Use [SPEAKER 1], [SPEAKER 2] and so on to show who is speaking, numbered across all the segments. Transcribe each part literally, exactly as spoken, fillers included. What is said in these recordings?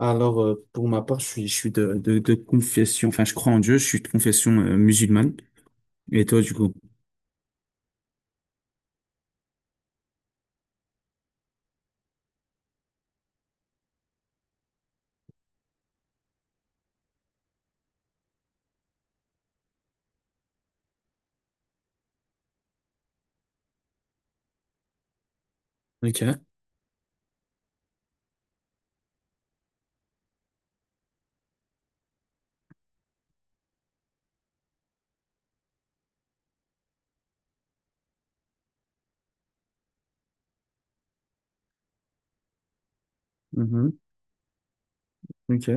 [SPEAKER 1] Alors, euh, pour ma part, je suis, je suis de, de, de confession, enfin, je crois en Dieu, je suis de confession euh, musulmane. Et toi, du coup? Ok. Mhm. Ok.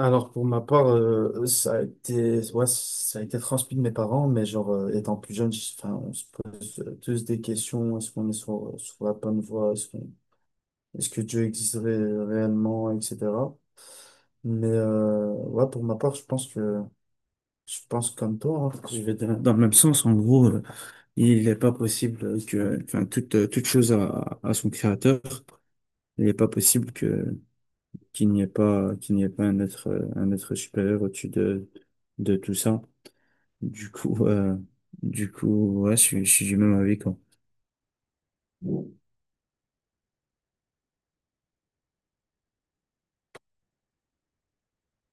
[SPEAKER 1] Alors pour ma part, euh, ça a été, ouais, ça a été transmis de mes parents, mais genre euh, étant plus jeune, j'- enfin, on se pose euh, tous des questions, est-ce qu'on est sur, sur la bonne voie, est-ce qu'on- est-ce que Dieu existerait réellement, et cetera. Mais euh, ouais, pour ma part, je pense que je pense comme toi, hein, que Je vais dans dans le même sens, en gros. Il n'est pas possible que, enfin, toute, euh, toute chose a, a son créateur. Il n'est pas possible que, qu'il n'y ait pas, qu'il n'y ait pas un être, euh, un être supérieur au-dessus de, de tout ça. Du coup, euh, du coup, ouais, je, suis je suis du même avis, quoi.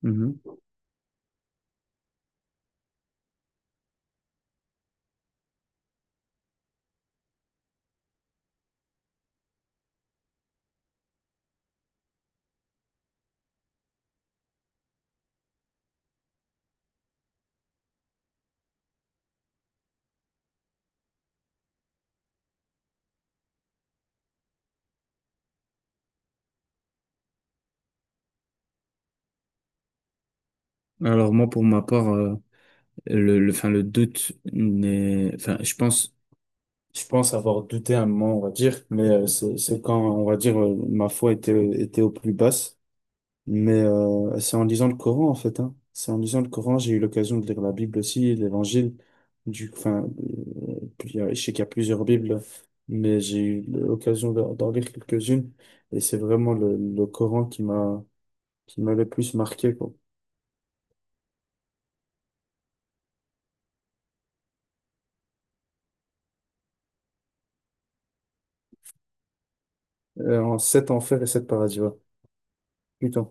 [SPEAKER 1] Mhm. Alors moi pour ma part euh, le le enfin le doute n'est enfin je pense je pense avoir douté un moment on va dire mais euh, c'est c'est quand on va dire euh, ma foi était était au plus basse. Mais euh, c'est en lisant le Coran, en fait, hein. C'est en lisant le Coran, j'ai eu l'occasion de lire la Bible aussi, l'Évangile. Du, enfin, euh, puis, euh, je sais qu'il y a plusieurs Bibles, mais j'ai eu l'occasion d'en d'en lire quelques-unes. Et c'est vraiment le, le Coran qui m'a qui m'a le plus marqué, quoi. Euh, en sept enfers et sept paradis, ouais. Putain.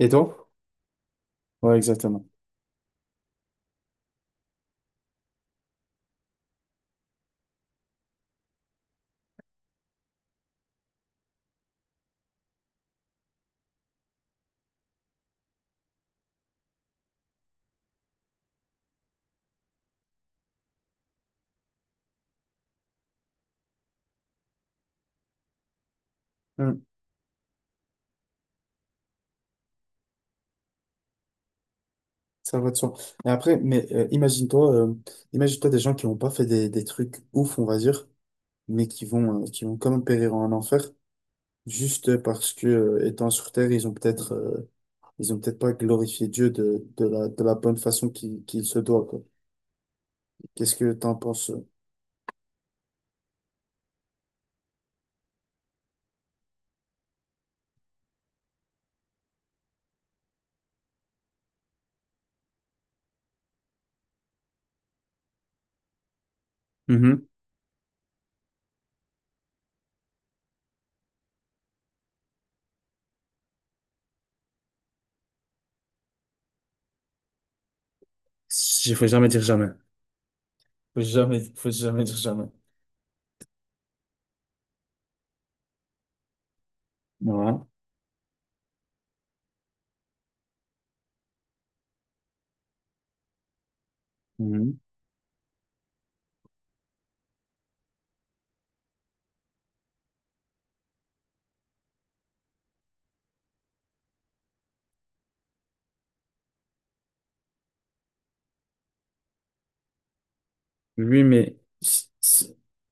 [SPEAKER 1] Et toi? Ouais, exactement. Hum. Ça va de soi. Et après, mais euh, imagine-toi, euh, imagine-toi des, gens qui n'ont pas fait des, des trucs ouf, on va dire, mais qui vont, euh, qui vont quand même périr en enfer. Juste parce que, euh, étant sur Terre, ils ont peut-être euh, ils ont peut-être pas glorifié Dieu de, de la, de la bonne façon qu'il qu'il se doit, quoi. Qu'est-ce que t'en penses? euh Mhm. Il faut jamais dire jamais. Faut jamais, faut jamais dire jamais. Voilà. Mhm. Oui, mais c- c-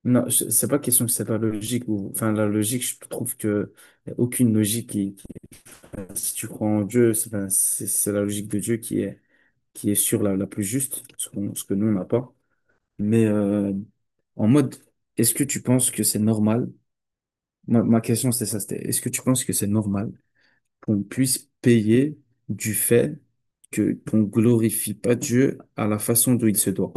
[SPEAKER 1] non, je- c'est pas question que c'est pas logique ou enfin la logique, je trouve que y a aucune logique qui, qui- si tu crois en Dieu, c'est enfin, c'est- c'est la logique de Dieu qui est qui est sûre la, la plus juste, ce qu'on- ce que nous on n'a pas. Mais euh, en mode, est-ce que tu penses que c'est normal? Ma, ma question, c'était ça, c'était, est-ce que tu penses que c'est normal qu'on puisse payer du fait que qu'on glorifie pas Dieu à la façon dont il se doit?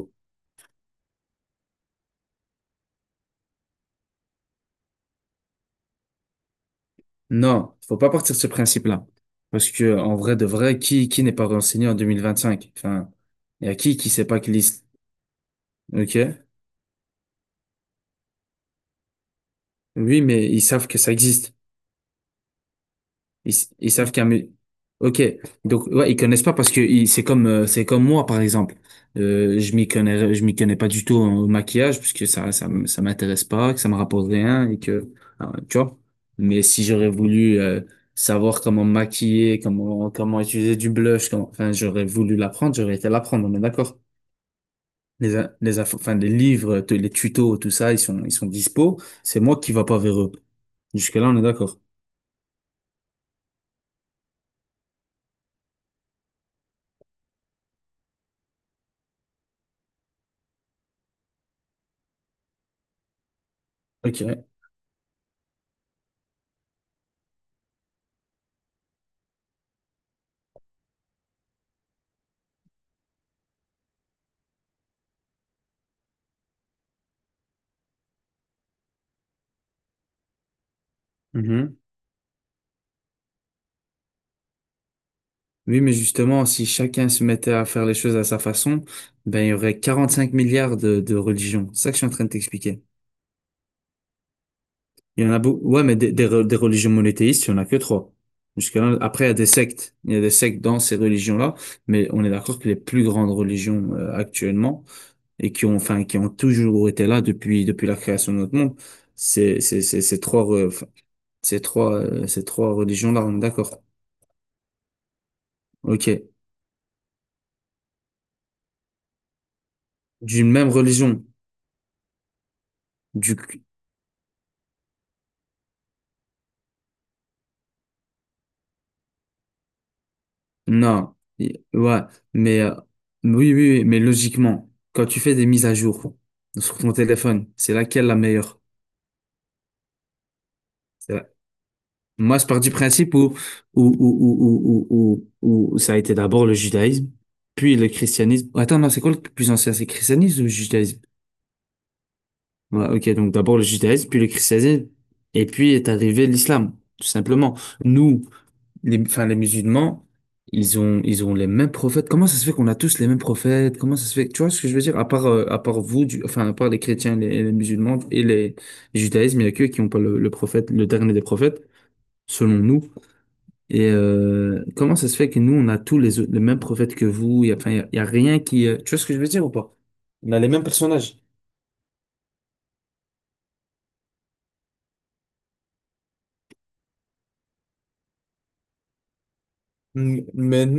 [SPEAKER 1] Non, faut pas partir de ce principe-là. Parce que, en vrai de vrai, qui, qui n'est pas renseigné en deux mille vingt cinq. Enfin, il y a qui qui sait pas qu'il existe. Ok? Oui, mais ils savent que ça existe. Ils, ils savent qu'un... mu- Ok, donc ouais, ils connaissent pas parce que ils- c'est comme euh, c'est comme moi, par exemple. Euh, je m'y connais je m'y connais pas du tout en- au maquillage puisque ça ça m- ça m'intéresse pas, que ça me rapporte rien et que ah, tu vois. Mais si j'aurais voulu euh, savoir comment me maquiller, comment comment utiliser du blush, comment- enfin j'aurais voulu l'apprendre, j'aurais été l'apprendre, on est d'accord. Les in- les infos- enfin les livres, t- les tutos, tout ça, ils sont ils sont dispo. C'est moi qui va pas vers eux. Jusque-là, on est d'accord. Ok. Oui, mais justement, si chacun se mettait à faire les choses à sa façon, ben, il y aurait quarante-cinq milliards de, de religions. C'est ça que je suis en train de t'expliquer. Il y en a beaucoup. Ouais, mais des, des, re- des religions monothéistes, il n'y en a que trois. Jusqu'à après, il y a des sectes. Il y a des sectes dans ces religions-là. Mais on est d'accord que les plus grandes religions, euh, actuellement, et qui ont, enfin, qui ont toujours été là depuis, depuis la création de notre monde, c'est, c'est, c'est, ces trois, re- enfin, ces trois, euh, ces trois religions-là, on est d'accord. OK. D'une même religion. Non, Et- ouais, mais euh, oui, oui, oui, mais logiquement, quand tu fais des mises à jour sur ton téléphone, c'est laquelle la meilleure? C'est la- Moi, je pars du principe où, où, où, où, où, où, où- où ça a été d'abord le judaïsme, puis le christianisme. Attends, non, c'est quoi le plus ancien? C'est le christianisme ou le judaïsme? Ouais, ok, donc d'abord le judaïsme, puis le christianisme, et puis est arrivé l'islam, tout simplement. Nous, les, enfin, les musulmans, ils ont, ils ont les mêmes prophètes. Comment ça se fait qu'on a tous les mêmes prophètes? Comment ça se fait? Tu vois ce que je veux dire? À part, euh, à part vous, du- enfin, à part les chrétiens, les, les musulmans et les, les judaïsmes, il n'y a qu'eux qui n'ont pas le, le prophète, le dernier des prophètes, selon nous. Et euh, comment ça se fait que nous, on a tous les, autres- les mêmes prophètes que vous? Il n'y a, enfin, il y a, il y a rien qui. euh, Tu vois ce que je veux dire ou pas? On a les mêmes personnages. Mm, Mais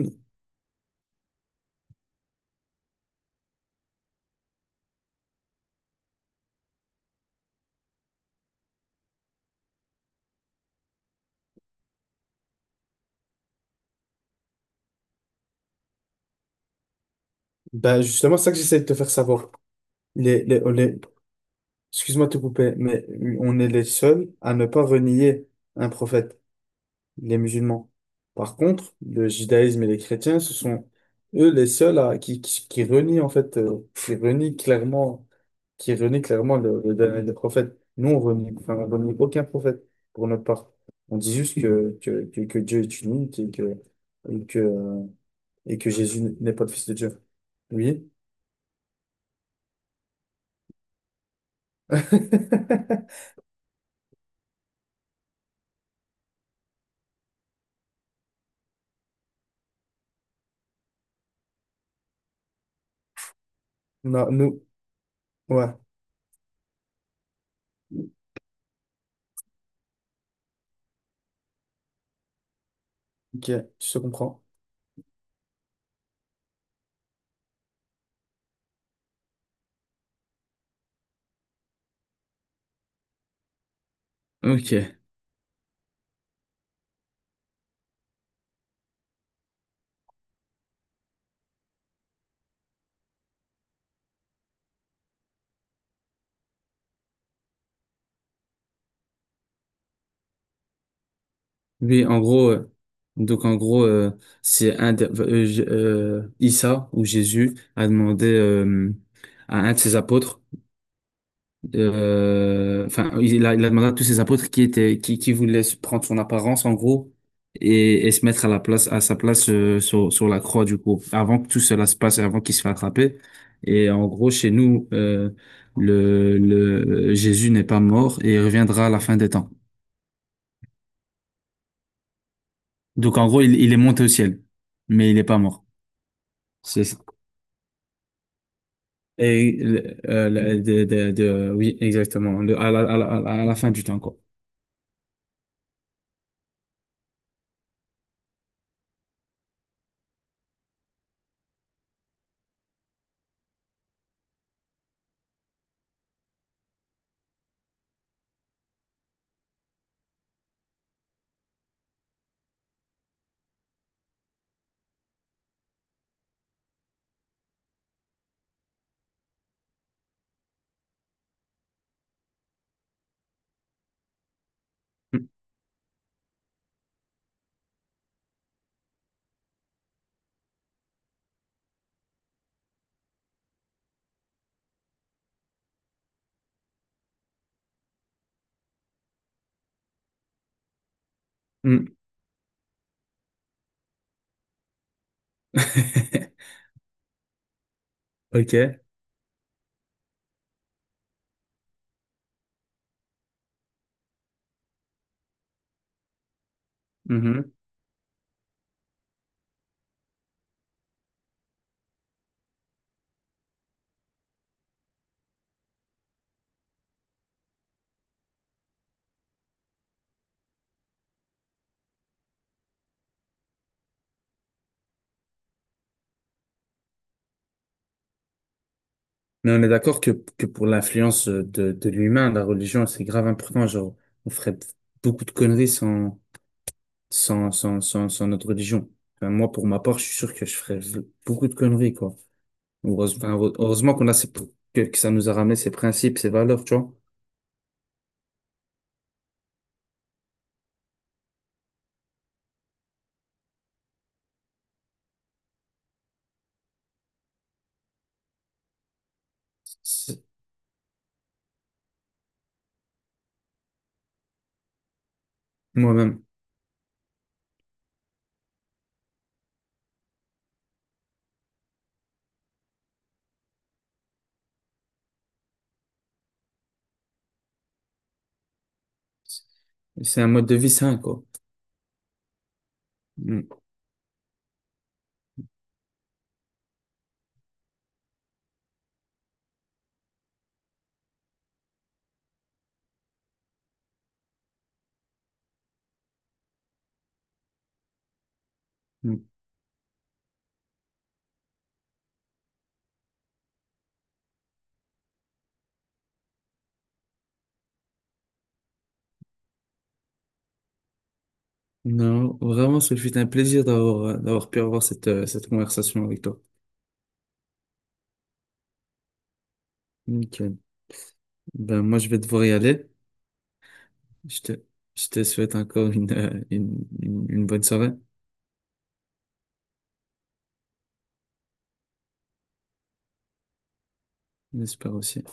[SPEAKER 1] bah justement, c'est ça que j'essaie de te faire savoir. Les les Excuse-moi de te couper, mais on est les seuls à ne pas renier un prophète, les musulmans. Par contre, le judaïsme et les chrétiens, ce sont eux les seuls à, qui, qui, qui renient en fait, euh, qui renient clairement, qui renient clairement le, le dernier des prophètes. Nous, on renie, enfin, on renie aucun prophète pour notre part. On dit juste que, que, que, que Dieu est unique et que, et que, euh, et que Jésus n'est pas le fils de Dieu. Oui. Non, nous, ouais, ok, je te comprends. Ok. Oui, en gros, euh, donc en gros, euh, c'est un des- euh, euh, J- euh, Issa ou Jésus a demandé euh, à un de ses apôtres, euh, enfin, il a, il a demandé à tous ses apôtres qui étaient, qui, qui voulaient se prendre son apparence, en gros, et, et se mettre à la place, à sa place euh, sur, sur, la croix, du coup, avant que tout cela se passe, et avant qu'il se fasse attraper. Et en gros, chez nous, euh, le, le Jésus n'est pas mort et il reviendra à la fin des temps. Donc en gros, il, il est monté au ciel, mais il n'est pas mort. C'est, et, euh, le- de, de, de- oui, exactement. Le- à la, à la, à la à la fin du temps, quoi. Mm, mm. OK. Mhm. Mais on est d'accord que, que pour l'influence de, de l'humain, la religion, c'est grave important. Genre, on ferait beaucoup de conneries sans, sans, sans, sans, sans notre religion. Enfin, moi, pour ma part, je suis sûr que je ferais beaucoup de conneries, quoi. Heureuse- enfin, heure- Heureusement, qu'on a ces, pr- que, que ça nous a ramené ces principes, ces valeurs, tu vois. C'est- Moi-même. C'est un mode de vie sain, quoi. Mm. Mm. Non, vraiment, ce fut un plaisir d'avoir d'avoir pu avoir cette, euh, cette conversation avec toi. Nickel. Ben, moi, je vais devoir y aller. Je te, je te souhaite encore une, euh, une, une une bonne soirée. J'espère aussi.